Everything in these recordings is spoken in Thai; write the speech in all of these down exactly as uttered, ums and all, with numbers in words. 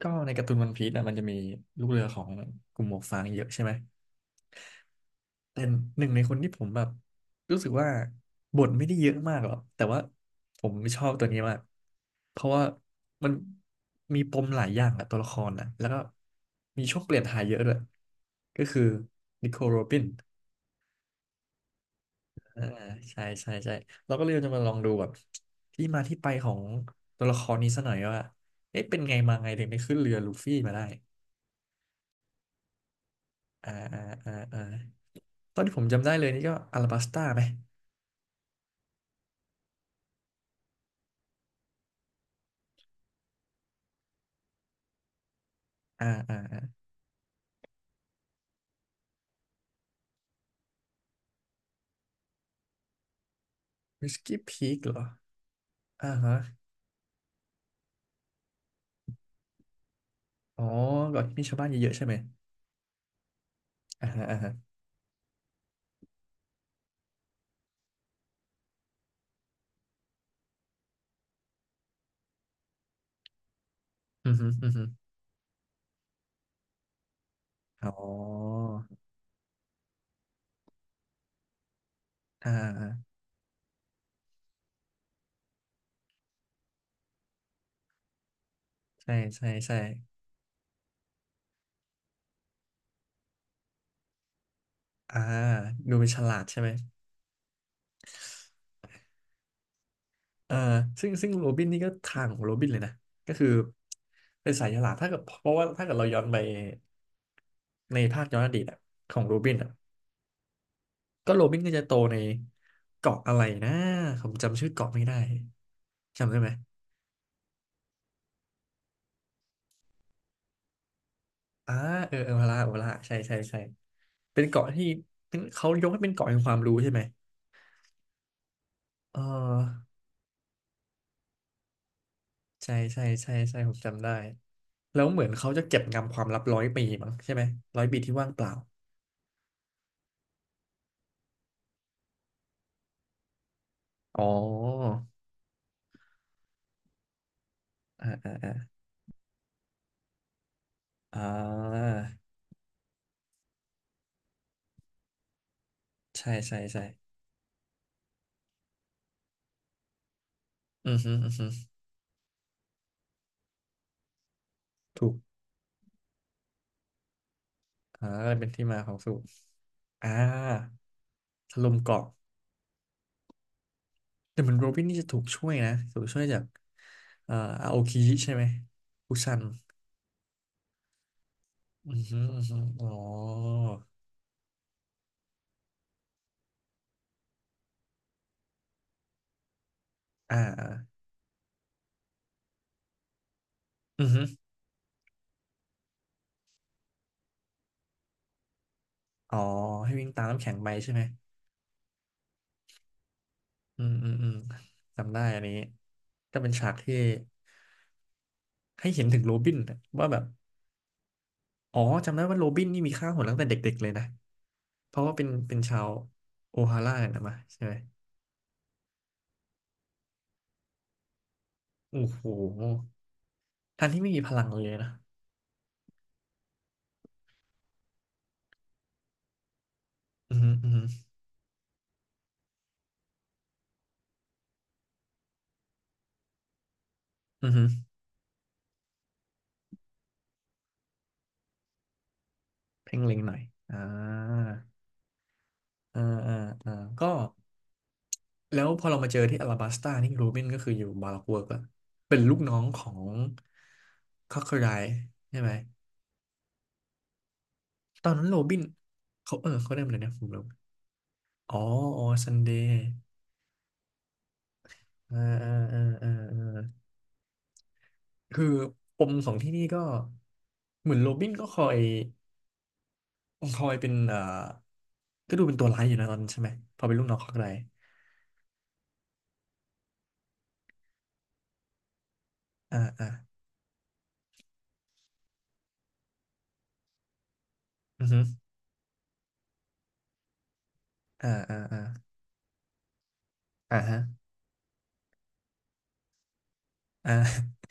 ก็ในการ์ตูนวันพีซนะมันจะมีลูกเรือของกลุ่มหมวกฟางเยอะใช่ไหมแต่หนึ่งในคนที่ผมแบบรู้สึกว่าบทไม่ได้เยอะมากหรอกแต่ว่าผมชอบตัวนี้มากเพราะว่ามันมีปมหลายอย่างอะตัวละครนะแล้วก็มีช่วงเปลี่ยนถ่ายเยอะด้วยก็คือนิโคลโรบินอ่าใช่ใช่ใช่เราก็เลยจะมาลองดูแบบที่มาที่ไปของตัวละครนี้ซะหน่อยว่าเอ๊ะเป็นไงมาไงถึงได้ขึ้นเรือลูฟี่มาได้อ่าอ่าอ่าอ่า ตอนที่ผมจำได้เลยนี่ก็อาราบัสต้าไหม อ่าอ่าวิสกี้พีคเหรออ่าฮะอ๋อก็มีชาวบ้านเยอะๆใช่ไหมอ่าฮะอ่าฮะอือฮึอือฮึอ๋ออ่าอ่าใช่ใช่ใช่อ่าดูเป็นฉลาดใช่ไหมเออซึ่งซึ่งโรบินนี่ก็ทางของโรบินเลยนะ ก็คือเป็นสายฉลาดถ้าเกิดเพราะว่าถ้าเกิดเราย้อนไปในภาคย้อนอดีตอะของโรบินอะก็โรบินก็จะโตในเกาะอะไรนะผมจำชื่อเกาะไม่ได้จำได้ไหม อ่าเออเออพาราโอลาใช่ใช่ใช่เป็นเกาะที่เป็นเขายกให้เป็นเกาะแห่งความรู้ใช่ไหมเออใช่ใช่ใช่ใช่ผมจำได้ แล้วเหมือนเขาจะเก็บงำความลับร้อยปีมั้งใช่ไหม ร้อยปีที่ว่างเปล่า อ๋ออ่าอ่าอ่าอ่าใช่ใช่ใช่อือฮึอือฮึถูกอ่าเป็นที่มาของสูตรอ่าถล่มเกาะแต่เหมือนโรบินนี่จะถูกช่วยนะถูกช่วยจากเอ่ออาโอคิใช่ไหมอุซันอือฮึอือฮึอ๋อ อ่าออือฮึอ๋อให้วิ่งตามน้ำแข็งไปใช่ไหมอืมอืมอืมจำได้อันนี้ก็เป็นฉากที่ให้เห็นถึงโรบินน่ะว่าแบบอ๋อจำได้ว่าโรบินนี่มีค่าหัวตั้งแต่เด็กๆเลยนะเพราะว่าเป็นเป็นชาวโอฮาร่าเนี่ยนะมาใช่ไหมโอ้โหทั้งที่ไม่มีพลังเลยนะอือฮึอือฮึอือฮึเพ่งเล็งหน่อยอ่าอ่าอ่าอ่าก็ แล้วพอเรามาเจอที่อลาบัสตานี่รูบินก็คืออยู่บาร็อกเวิร์กละเป็นลูกน้องของคอคเคอไรใช่ไหมตอนนั้นโรบินเขาเออเขาเรียกอะไรนะผมลืมอ๋ออ๋อซันเดย์อ่าอ่าอ่าอ่าอ่าคือปมของที่นี่ก็เหมือนโรบินก็คอยคอยเป็นเอ่อก็ดูเป็นตัวร้ายอยู่นะตอนนั้นใช่ไหมพอเป็นลูกน้องคอคเคอไรอ่าอ่าอือฮึอ่าอ่าอ่าอ่าฮะอ่า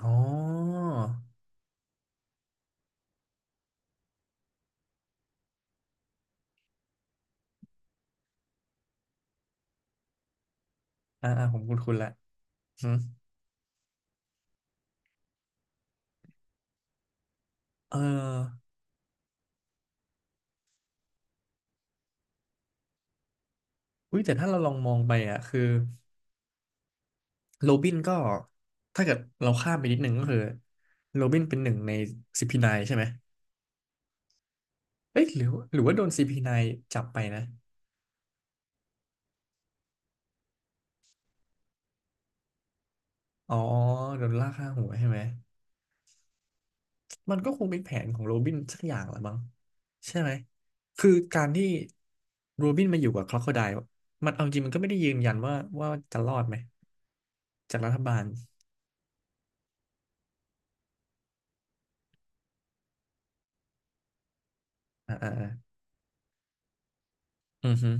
อ๋ออ่าอ่าผมคุ้นๆละ เอออุ้ยแต่ถ้าเราลองมองไปอ่ะคือโรบินก็ ถ้าเกิดเราข้ามไปนิดหนึ่งก็คือโรบินเป็นหนึ่งในซีพีไนน์ใช่ไหมเอ้ยหรือหรือว่าโดนซีพีไนน์จับไปนะอ๋อโดนล่าฆ่าหัวใช่ไหมมันก็คงเป็นแผนของโรบินสักอย่างแหละมั้งใช่ไหมคือการที่โรบินมาอยู่กับคล็อกโคไดลมันเอาจริงมันก็ไม่ได้ยืนยันว่าว่าจะรอดไหมจากรัฐบาลอ่าอ่าอาอือฮึ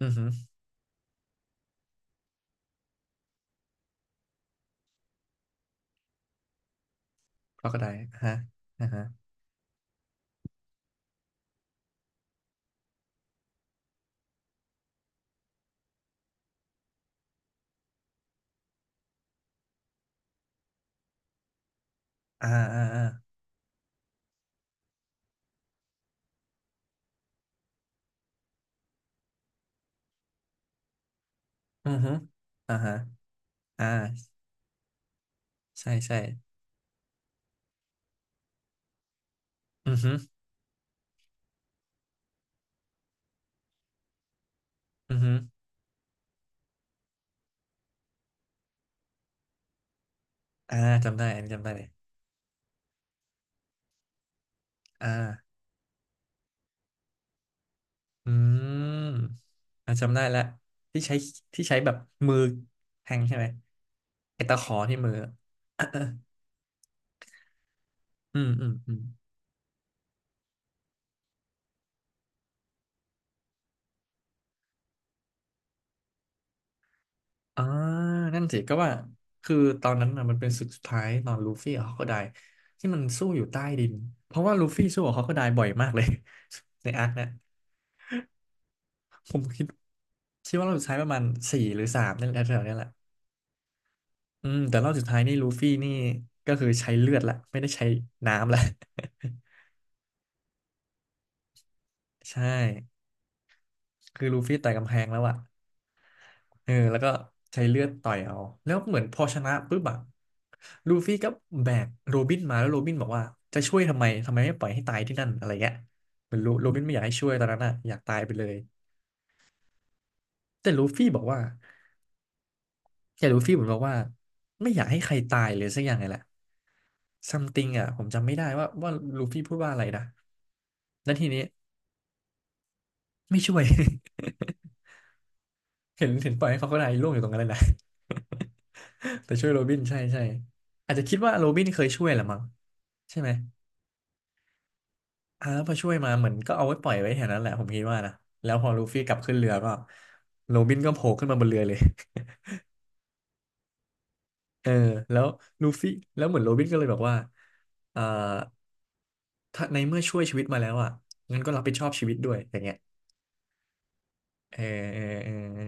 อือฮึคล็อกโคไดลฮะอ่าฮะอ่าอ่าอ่า อือฮึอ่าฮะอ่าใช่ใช่อือฮึอือฮึอ่าจำได้อันนี้จำได้เลยอ่าอืมอ่าจำได้ละที่ใช้ที่ใช้แบบมือแทงใช่ไหมไอ้ตะขอที่มืออะ อืมอืมอืมอ่านั่นสิก็ว่าคือตอนนั้นนะมันเป็นศึกสุดท้ายตอนลูฟี่กับค็อกไไดที่มันสู้อยู่ใต้ดินเพราะว่าลูฟี่สู้กับฮอกไไดบ่อยมากเลย ในอาร์คเนะผมคิดคิดว่าเราใช้ประมาณสี่หรือสามนั่นแหละแถวๆเนี้ยแหละ อืมแต่รอบสุดท้ายนี่ลูฟี่นี่ก็คือใช้เลือดละไม่ได้ใช้น้ำละ ใช่คือลูฟี่ต่อยกำแพงแล้วอะเออแล้วก็ใช้เลือดต่อยเอาแล้วเหมือนพอชนะปุ๊บอะลูฟี่ก็แบกโรบินมาแล้วโรบินบอกว่าจะช่วยทำไมทำไมไม่ปล่อยให้ตายที่นั่นอะไรเงี้ยเหมือนโรโรบินไม่อยากให้ช่วยตอนนั้นอะอยากตายไปเลยแต่ลูฟี่บอกว่าแต่ลูฟี่เหมือนบอกว่าไม่อยากให้ใครตายเลยสักอย่างไงแหละซัม e ิง i n อะผมจำไม่ได้ว่าว่าลูฟี่พูดว่าอะไรนะแล้วทีนี้ ไม่ช่วย เห็นเห็นปล่อยให้เขาก็ได้ร่วงอยู่ตรงนั้นเลยนะ แต่ช่วยโรบินใช่ใช่อาจจะคิดว่าโรบินเคยช่วยแหละมั้งใช่ไหมอ่าแล้วพอช่วยมาเหมือนก็เอาไว้ปล่อยไว้แถวนั้นแหละผมคิดว่านะแล้วพอลูฟี่กลับขึ้นเรือก็โรบินก็โผล่ขึ้นมาบนเรือเลย เออแล้วลูฟี่แล้วเหมือนโรบินก็เลยบอกว่าเอ่อถ้าในเมื่อช่วยชีวิตมาแล้วอ่ะงั้นก็รับผิดชอบชีวิตด้วยอย่างเงี้ยเออเออเออเออ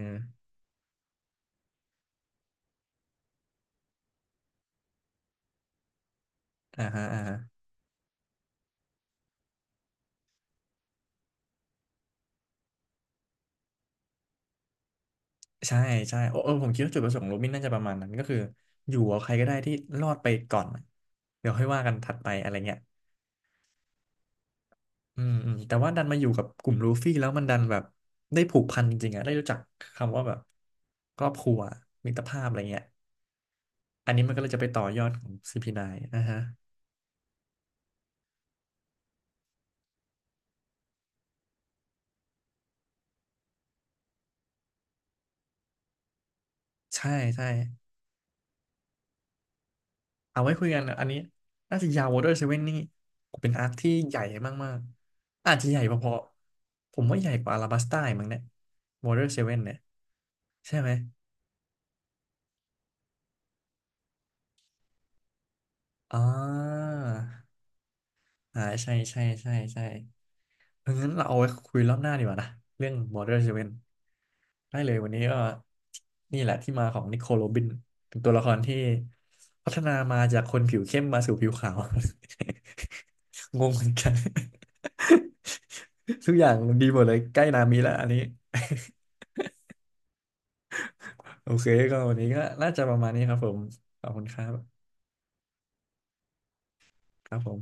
อ่าฮะอ่าฮะ ใช่ใช่โอ้เออผมคิดว่าจุดประสงค์ของโรบินน่าจะประมาณนั้นก็คืออยู่กับใครก็ได้ที่รอดไปก่อนเดี๋ยวค่อยว่ากันถัดไปอะไรเงี้ยอืมอืมแต่ว่าดันมาอยู่กับกลุ่มลูฟี่แล้วมันดันแบบได้ผูกพันจริงๆอะได้รู้จักคำว่าแบบครอบครัวมิตรภาพอะไรเงี้ยอันนี้มันก็เลยจะไปต่อยอดของ ซี พี ไนน์ นน์นะฮะใช่ใช่ เอาไว้คุยกันอันนี้น่าจะยาววอเตอร์เซเว่นนี่เป็นอาร์คที่ใหญ่มากๆ อาจจะใหญ่พอๆ ผมว่าใหญ่กว่าอาราบัสต้าอีกมั้งเนี่ย วอเตอร์เซเว่นเนี่ยใช่ไหมอ่าอ่าใช่ใช่ใช่ใช่ เอองั้นเราเอาไว้คุยรอบหน้าดีกว่านะเรื่อง Border Seven ได้เลยวันนี้ก็นี่แหละที่มาของนิโคลโรบินเป็นตัวละครที่พัฒนามาจากคนผิวเข้มมาสู่ผิวขาว งงเหมือนกัน ทุกอย่างดีหมดเลยใกล้นามิแล้วอันนี้โอเคก็วันนี้ก็น่าจะประมาณนี้ครับผมขอบคุณครับครับผม